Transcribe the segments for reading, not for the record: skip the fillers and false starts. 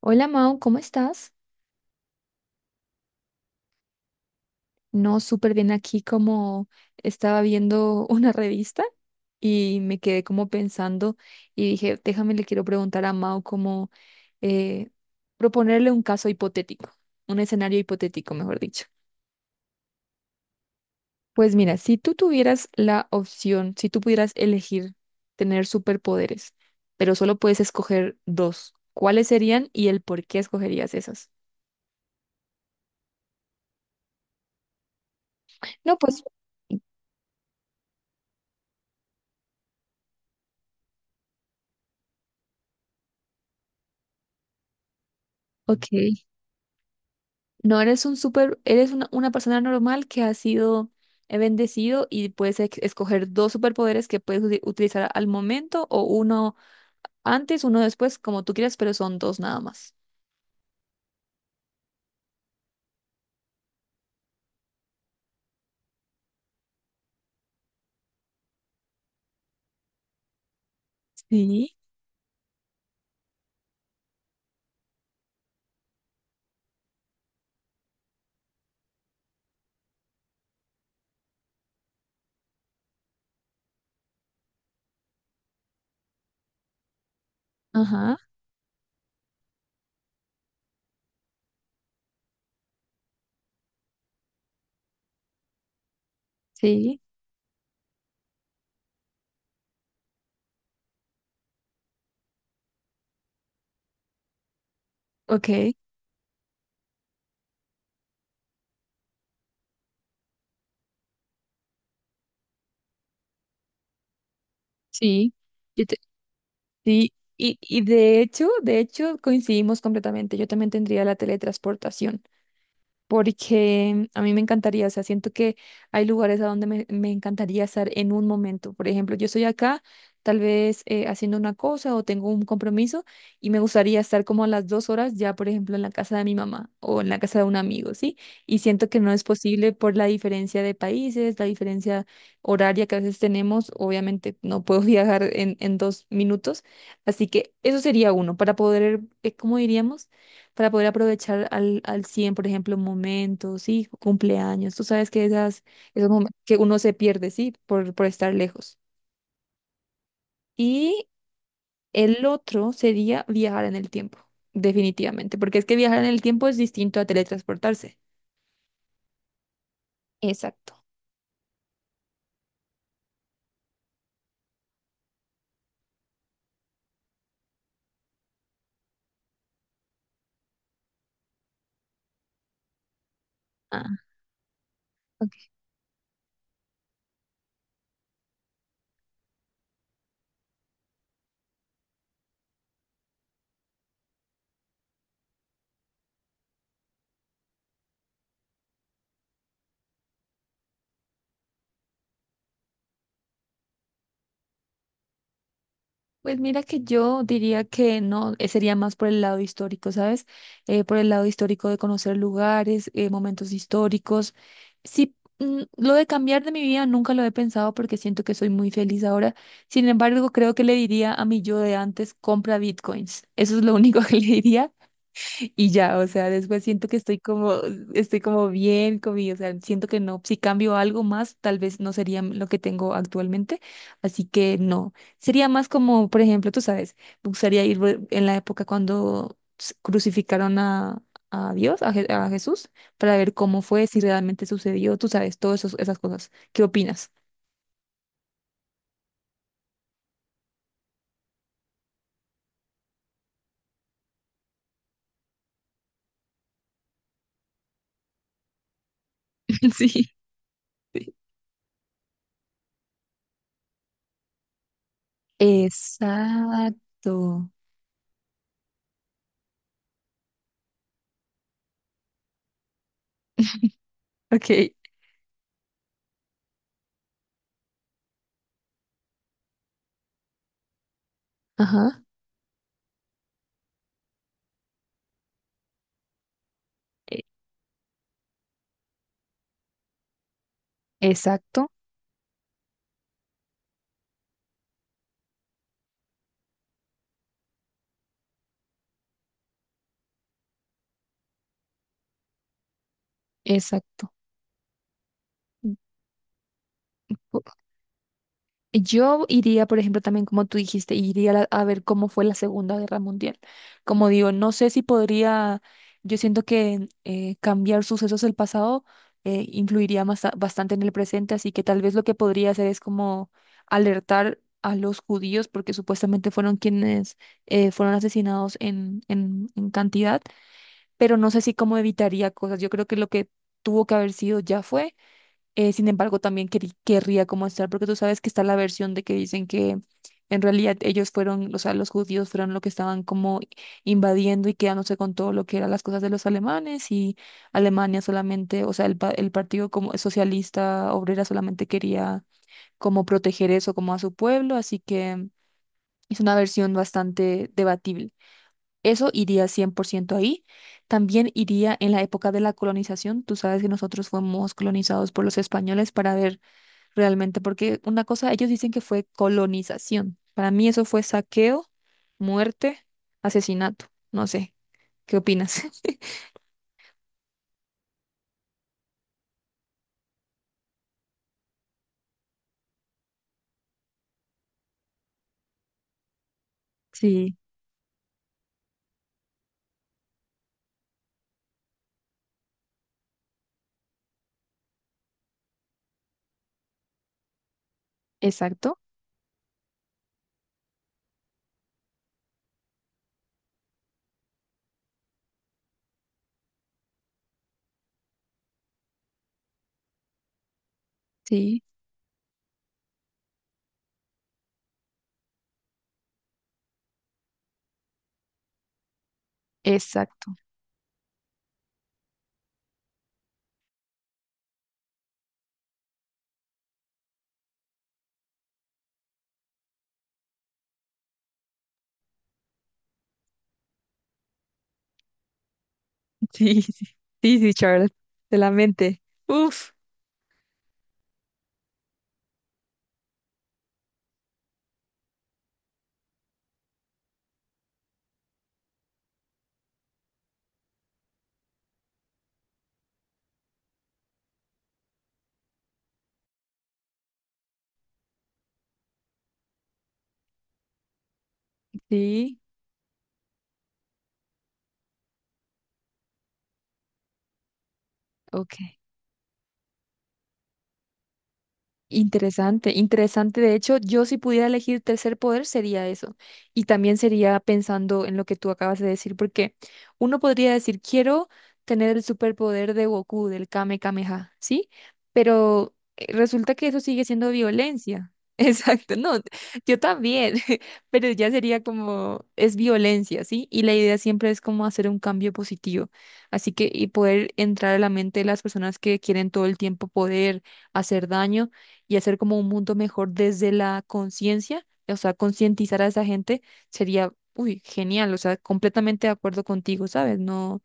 Hola Mau, ¿cómo estás? No, súper bien aquí como estaba viendo una revista y me quedé como pensando y dije, déjame, le quiero preguntar a Mau como eh, proponerle un caso hipotético, un escenario hipotético, mejor dicho. Pues mira, si tú tuvieras la opción, si tú pudieras elegir tener superpoderes, pero solo puedes escoger dos, ¿cuáles serían y el por qué escogerías esas? No, pues, ok. No eres un super, eres una persona normal que ha sido bendecido y puedes escoger dos superpoderes que puedes utilizar al momento o uno antes, uno después, como tú quieras, pero son dos nada más. Sí, ajá, sí, ok, sí. Yo te- sí. Y de hecho coincidimos completamente. Yo también tendría la teletransportación. Porque a mí me encantaría, o sea, siento que hay lugares a donde me encantaría estar en un momento. Por ejemplo, yo estoy acá, tal vez haciendo una cosa o tengo un compromiso y me gustaría estar como a las 2 horas ya, por ejemplo, en la casa de mi mamá o en la casa de un amigo, ¿sí? Y siento que no es posible por la diferencia de países, la diferencia horaria que a veces tenemos. Obviamente, no puedo viajar en 2 minutos. Así que eso sería uno, para poder, ¿cómo diríamos? Para poder aprovechar al 100, por ejemplo, momentos, sí, cumpleaños. Tú sabes que esas, esos momentos que uno se pierde, sí, por estar lejos. Y el otro sería viajar en el tiempo, definitivamente, porque es que viajar en el tiempo es distinto a teletransportarse. Exacto. Pues mira que yo diría que no, sería más por el lado histórico, ¿sabes? Por el lado histórico de conocer lugares, momentos históricos. Sí, mm, lo de cambiar de mi vida nunca lo he pensado porque siento que soy muy feliz ahora. Sin embargo, creo que le diría a mi yo de antes, compra bitcoins. Eso es lo único que le diría y ya, o sea, después siento que estoy como bien conmigo, o sea, siento que no, si cambio algo más, tal vez no sería lo que tengo actualmente, así que no, sería más como, por ejemplo, tú sabes, me gustaría ir en la época cuando crucificaron a Dios, a, a Jesús, para ver cómo fue, si realmente sucedió, tú sabes, todas esas cosas. ¿Qué opinas? Sí. Sí. Exacto. Ok. Ajá. E- Exacto, exacto. Yo iría, por ejemplo, también como tú dijiste, iría a, a ver cómo fue la Segunda Guerra Mundial. Como digo, no sé si podría, yo siento que cambiar sucesos del pasado influiría más, bastante en el presente, así que tal vez lo que podría hacer es como alertar a los judíos, porque supuestamente fueron quienes fueron asesinados en en cantidad, pero no sé si cómo evitaría cosas. Yo creo que lo que tuvo que haber sido ya fue sin embargo, también querría como estar, porque tú sabes que está la versión de que dicen que en realidad ellos fueron, o sea, los judíos fueron lo que estaban como invadiendo y quedándose con todo lo que eran las cosas de los alemanes y Alemania solamente, o sea, el, el partido como socialista obrera solamente quería como proteger eso como a su pueblo, así que es una versión bastante debatible. Eso iría 100% ahí. También iría en la época de la colonización. Tú sabes que nosotros fuimos colonizados por los españoles para ver realmente, porque una cosa, ellos dicen que fue colonización. Para mí eso fue saqueo, muerte, asesinato. No sé, ¿qué opinas? Sí, exacto. Sí, exacto. Sí, sí, sí, sí, Charles, de la mente. Uf, sí, ok. Interesante, interesante. De hecho, yo si pudiera elegir tercer poder sería eso. Y también sería pensando en lo que tú acabas de decir, porque uno podría decir, quiero tener el superpoder de Goku, del Kame Kameha, ¿sí? Pero resulta que eso sigue siendo violencia. Exacto, no, yo también, pero ya sería como, es violencia, ¿sí? Y la idea siempre es como hacer un cambio positivo. Así que, y poder entrar a la mente de las personas que quieren todo el tiempo poder hacer daño y hacer como un mundo mejor desde la conciencia, o sea, concientizar a esa gente sería, uy, genial, o sea, completamente de acuerdo contigo, ¿sabes? No,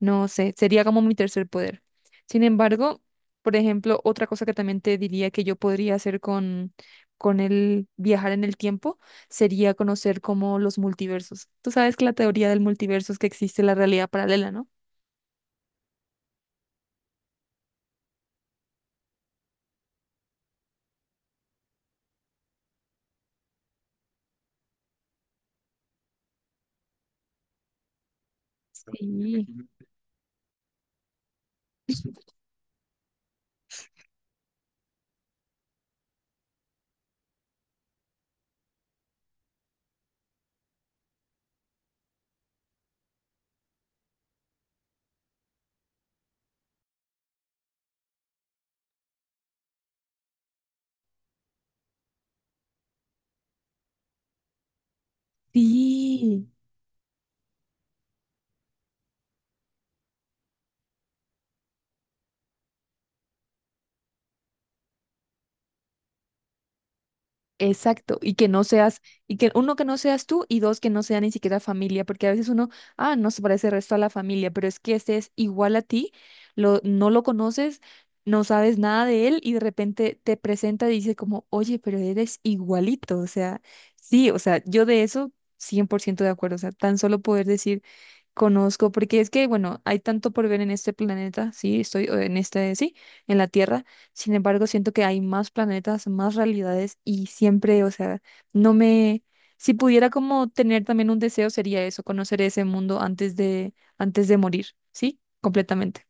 no sé, sería como mi tercer poder. Sin embargo, por ejemplo, otra cosa que también te diría que yo podría hacer con el viajar en el tiempo sería conocer como los multiversos. Tú sabes que la teoría del multiverso es que existe la realidad paralela, ¿no? Sí. Sí. Exacto, y que no seas, y que uno que no seas tú y dos que no sea ni siquiera familia, porque a veces uno, ah, no se parece el resto a la familia, pero es que este es igual a ti, lo, no lo conoces, no sabes nada de él y de repente te presenta y dice como, oye, pero eres igualito, o sea, sí, o sea, yo de eso 100% de acuerdo, o sea, tan solo poder decir Conozco, porque es que, bueno, hay tanto por ver en este planeta, sí, estoy o en este, sí, en la Tierra. Sin embargo, siento que hay más planetas, más realidades y siempre, o sea, no me, si pudiera como tener también un deseo sería eso, conocer ese mundo antes de morir, sí, completamente.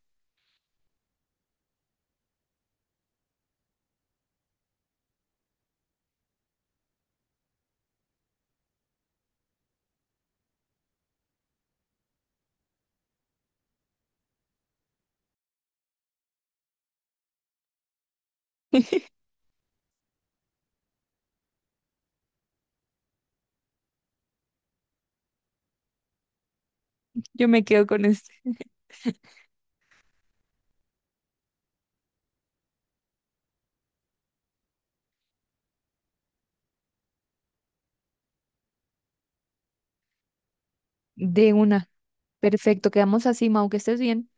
Yo me quedo con este. De una. Perfecto, quedamos así, Mau, que estés bien.